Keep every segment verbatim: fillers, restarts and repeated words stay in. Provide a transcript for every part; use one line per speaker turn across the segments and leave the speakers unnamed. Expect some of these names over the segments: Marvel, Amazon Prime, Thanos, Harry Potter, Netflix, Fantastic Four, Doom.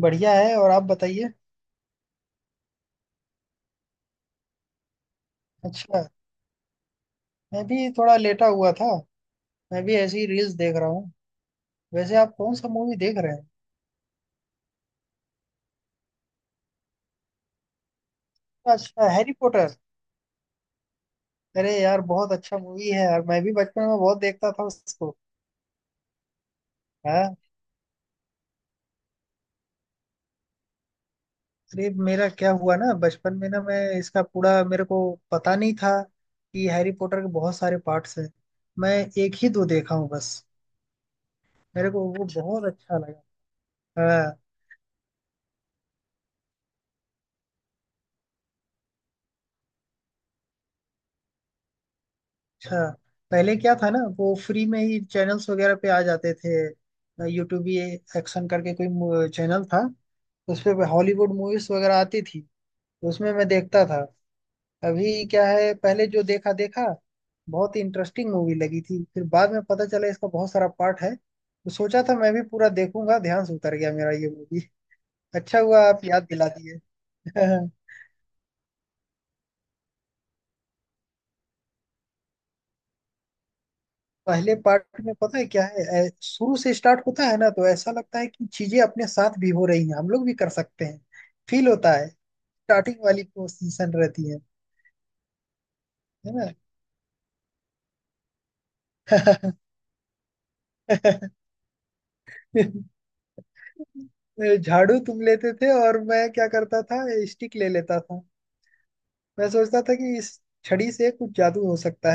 बढ़िया है। और आप बताइए। अच्छा। मैं भी थोड़ा लेटा हुआ था। मैं भी ऐसी रील्स देख रहा हूँ। वैसे आप कौन सा मूवी देख रहे हैं? अच्छा, हैरी पॉटर। अरे यार बहुत अच्छा मूवी है यार, मैं भी बचपन में बहुत देखता था उसको। हाँ। अरे मेरा क्या हुआ ना, बचपन में ना मैं इसका पूरा, मेरे को पता नहीं था कि हैरी पॉटर के बहुत सारे पार्ट्स हैं। मैं एक ही दो देखा हूँ बस। मेरे को वो बहुत अच्छा लगा। हाँ, अच्छा। पहले क्या था ना, वो फ्री में ही चैनल्स वगैरह पे आ जाते थे। यूट्यूब, ये एक्शन करके कोई चैनल था, उस पे हॉलीवुड मूवीज वगैरह आती थी, तो उसमें मैं देखता था। अभी क्या है, पहले जो देखा देखा बहुत इंटरेस्टिंग मूवी लगी थी, फिर बाद में पता चला इसका बहुत सारा पार्ट है, तो सोचा था मैं भी पूरा देखूंगा, ध्यान से उतर गया मेरा ये मूवी। अच्छा हुआ आप याद दिला दिए। पहले पार्ट में पता है क्या है, ऐ- शुरू से स्टार्ट होता है ना, तो ऐसा लगता है कि चीजें अपने साथ भी हो रही हैं, हम लोग भी कर सकते हैं। फील होता है। स्टार्टिंग वाली पोजीशन रहती है। है ना। झाड़ू तुम लेते थे और मैं क्या करता था, स्टिक ले लेता था। मैं सोचता था कि इस छड़ी से कुछ जादू हो सकता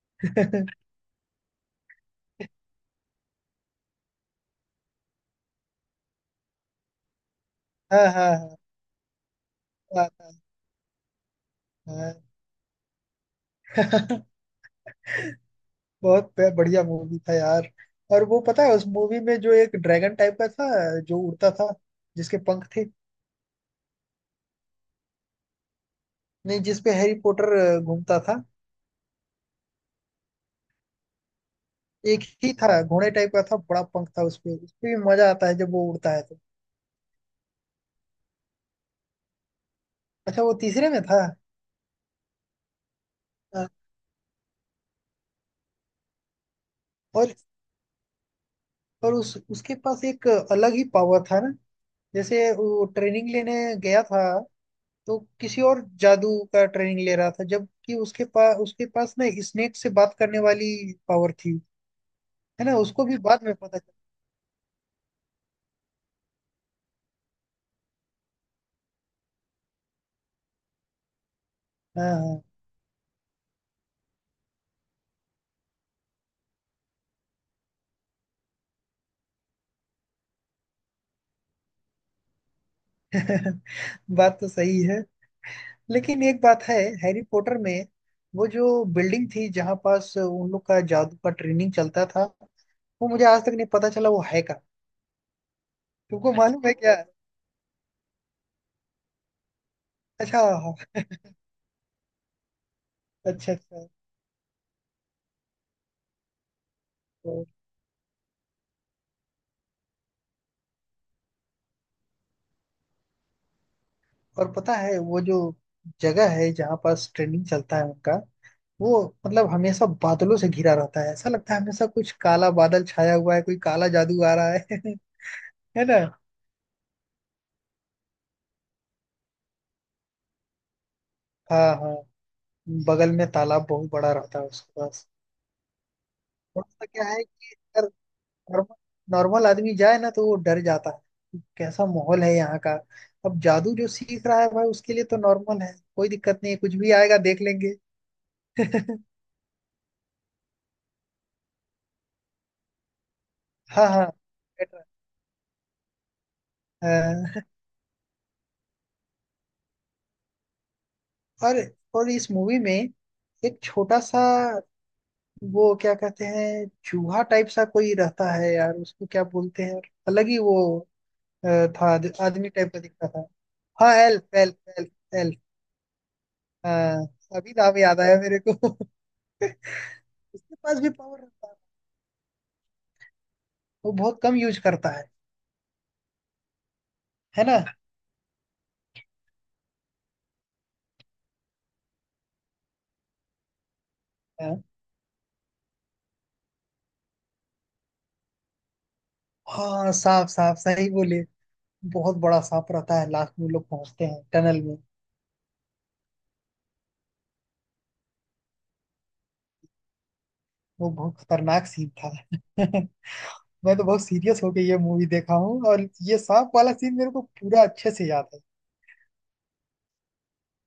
है। हाँ हाँ हाँ। हाँ। हाँ, हाँ। बहुत ब- बढ़िया मूवी था यार। और वो पता है उस मूवी में जो एक ड्रैगन टाइप का था, जो उड़ता था, जिसके पंख थे। नहीं, जिसपे हैरी पॉटर अ, घूमता था। एक ही था, घोड़े टाइप का था, बड़ा पंख था उसपे, उसपे भी मजा आता है जब वो उड़ता है तो। अच्छा, वो तीसरे में था। हाँ, और और उस उसके पास एक अलग ही पावर था ना, जैसे वो ट्रेनिंग लेने गया था, तो किसी और जादू का ट्रेनिंग ले रहा था, जबकि उसके पास उसके पास ना स्नेक से बात करने वाली पावर थी। है ना, उसको भी बाद में पता चला। हाँ। बात तो सही है। लेकिन एक बात है, हैरी पॉटर में वो जो बिल्डिंग थी, जहाँ पास उन लोग का जादू का ट्रेनिंग चलता था, वो मुझे आज तक नहीं पता चला वो है का। तुमको अच्छा मालूम है क्या? अच्छा। अच्छा अच्छा। तो, और पता है वो जो जगह है जहाँ पास ट्रेनिंग चलता है उनका, वो मतलब हमेशा बादलों से घिरा रहता है, ऐसा लगता है हमेशा कुछ काला बादल छाया हुआ है, कोई काला जादू आ रहा है। है ना। हाँ हाँ। बगल में तालाब बहुत बड़ा रहता है उसके पास। थोड़ा सा क्या है कि अगर नॉर्मल नॉर्मल आदमी जाए ना, तो वो डर जाता है कि कैसा माहौल है यहाँ का। अब जादू जो सीख रहा है भाई, उसके लिए तो नॉर्मल है, कोई दिक्कत नहीं है, कुछ भी आएगा देख लेंगे। हाँ। हाँ, बेटर है। अ, और और इस मूवी में एक छोटा सा, वो क्या कहते हैं, चूहा टाइप सा कोई रहता है यार, उसको क्या बोलते हैं, अलग ही वो अ, था, आद- आदमी टाइप का दिखता था। हाँ एल्फ एल्फ एल्फ एल्फ। हाँ, अभी नाम याद आया मेरे को। उसके पास भी पावर रहता है, वो बहुत कम यूज करता है। है ना। हाँ। हाँ, सांप सांप सही बोले, बहुत बड़ा सांप रहता है, लास्ट में लोग पहुंचते हैं टनल में। वो बहुत खतरनाक सीन था। मैं तो बहुत सीरियस होके ये मूवी देखा हूँ, और ये सांप वाला सीन मेरे को पूरा अच्छे से याद है।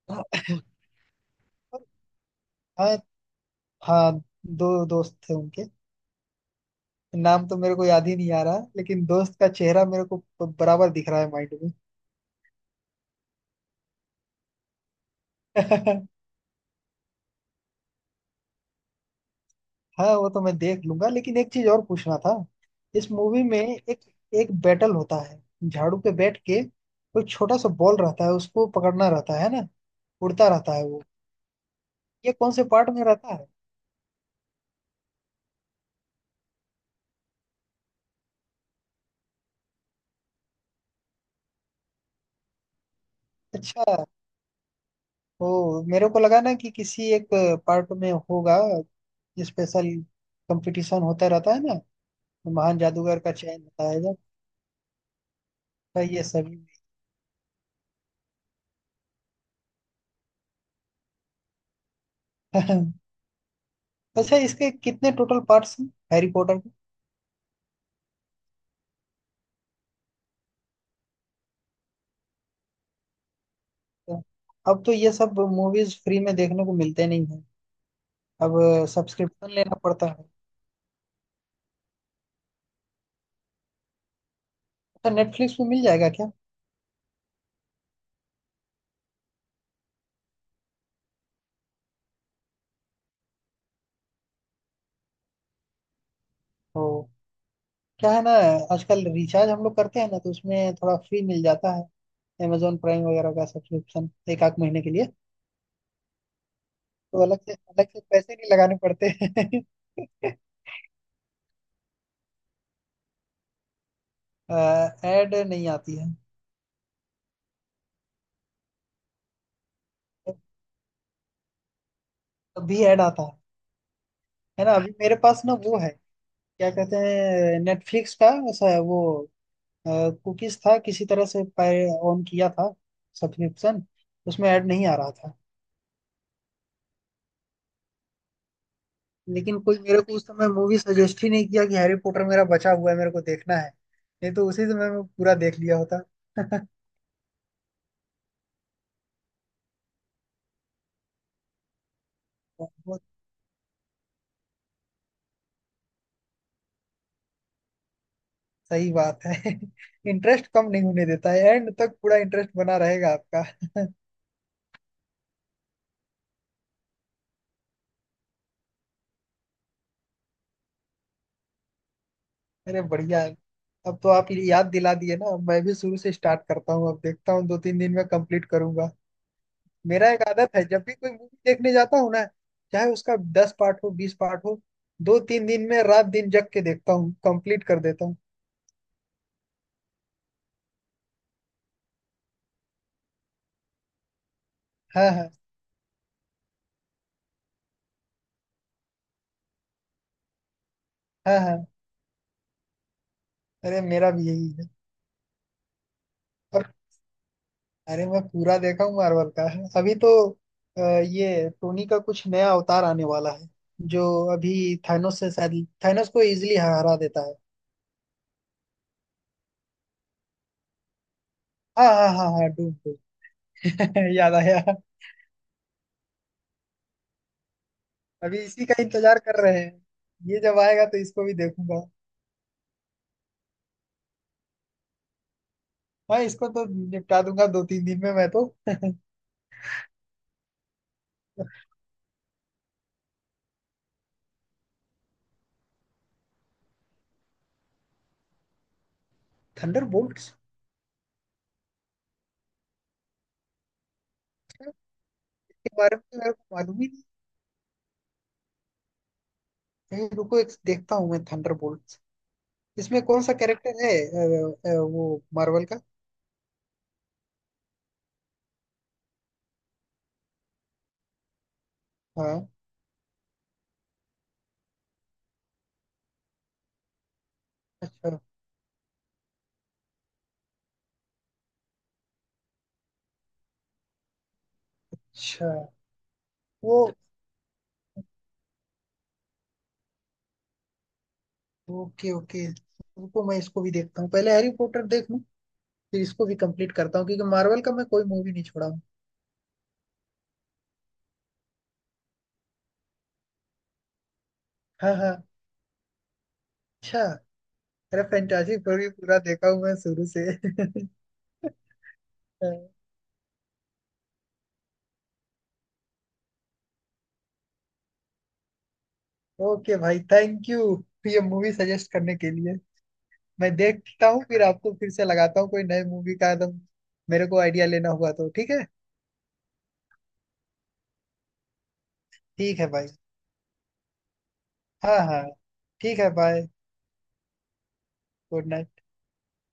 और हाँ। हाँ, दो दोस्त थे उनके, नाम तो मेरे को याद ही नहीं आ रहा, लेकिन दोस्त का चेहरा मेरे को बराबर दिख रहा है माइंड में। हाँ, वो तो मैं देख लूंगा, लेकिन एक चीज और पूछना था। इस मूवी में एक एक बैटल होता है, झाड़ू पे बैठ के, कोई छोटा सा बॉल रहता है उसको पकड़ना रहता है ना, उड़ता रहता है वो, ये कौन से पार्ट में रहता है? अच्छा। ओ, मेरे को लगा ना कि किसी एक पार्ट में होगा स्पेशल, कंपटीशन होता रहता है ना, महान जादूगर का चयन होता है जब। तो ये सभी में। अच्छा, इसके कितने टोटल पार्ट्स हैं, हैरी पॉटर के? अब तो ये सब मूवीज फ्री में देखने को मिलते नहीं है। अब सब्सक्रिप्शन लेना पड़ता है। अच्छा, नेटफ्लिक्स में मिल जाएगा क्या? तो क्या है ना, आजकल रिचार्ज हम लोग करते हैं ना, तो उसमें थोड़ा फ्री मिल जाता है। amazon प्राइम वगैरह का सब्सक्रिप्शन एक आध महीने के लिए, तो अलग से अलग से पैसे नहीं लगाने पड़ते हैं। ऐड नहीं आती है। अभी ऐड आता है है ना। अभी मेरे पास ना वो है, क्या कहते हैं, नेटफ्लिक्स का ऐसा है वो, कुकीज था किसी तरह से ऑन किया था सब्सक्रिप्शन, उसमें ऐड नहीं आ रहा था। लेकिन कोई मेरे को उस समय मूवी सजेस्ट ही नहीं किया कि हैरी पॉटर मेरा बचा हुआ है, मेरे को देखना है, नहीं तो उसी समय मैं पूरा देख लिया होता। बहुत सही बात है। इंटरेस्ट कम नहीं होने देता है, एंड तक पूरा इंटरेस्ट बना रहेगा आपका। अरे बढ़िया है। अब तो आप ये याद दिला दिए ना, अब मैं भी शुरू से स्टार्ट करता हूँ, अब देखता हूँ, दो तीन दिन में कंप्लीट करूंगा। मेरा एक आदत है, जब भी कोई मूवी देखने जाता हूँ ना, चाहे उसका दस पार्ट हो बीस पार्ट हो, दो तीन दिन में रात दिन जग के देखता हूँ कंप्लीट कर देता हूँ। हाँ हाँ। हाँ हाँ। अरे मेरा भी यही है। और अरे मैं पूरा देखा हूँ मार्वल का। अभी तो अ, ये टोनी का कुछ नया अवतार आने वाला है जो, अभी थानोस से, शायद थानोस को इजिली हरा देता है। हाँ हाँ हाँ हाँ, डूम डूम। याद आया। अभी इसी का इंतजार कर रहे हैं, ये जब आएगा तो इसको भी देखूंगा। हाँ, इसको तो निपटा दूंगा दो तीन दिन में मैं तो। थंडर के बारे में तो मेरे को मालूम ही नहीं है। रुको, एक देखता हूँ मैं, थंडर इसमें कौन सा कैरेक्टर है, अ, अ, वो मार्वल का। हाँ। अच्छा। अच्छा वो। ओके ओके, रुको मैं इसको भी देखता हूँ, पहले हैरी पॉटर देख लूँ, फिर इसको भी कंप्लीट करता हूँ, क्योंकि मार्वल का मैं कोई मूवी नहीं छोड़ा हूँ। हाँ हाँ। अच्छा। अरे फैंटास्टिक फोर भी पूरा देखा हूँ मैं शुरू से। ओके भाई थैंक यू, ये मूवी सजेस्ट करने के लिए। मैं देखता हूँ, फिर आपको फिर से लगाता हूँ, कोई नई मूवी का एकदम मेरे को आइडिया लेना हुआ तो ठीक है। ठीक है भाई। हाँ हाँ। ठीक है बाय। Good night.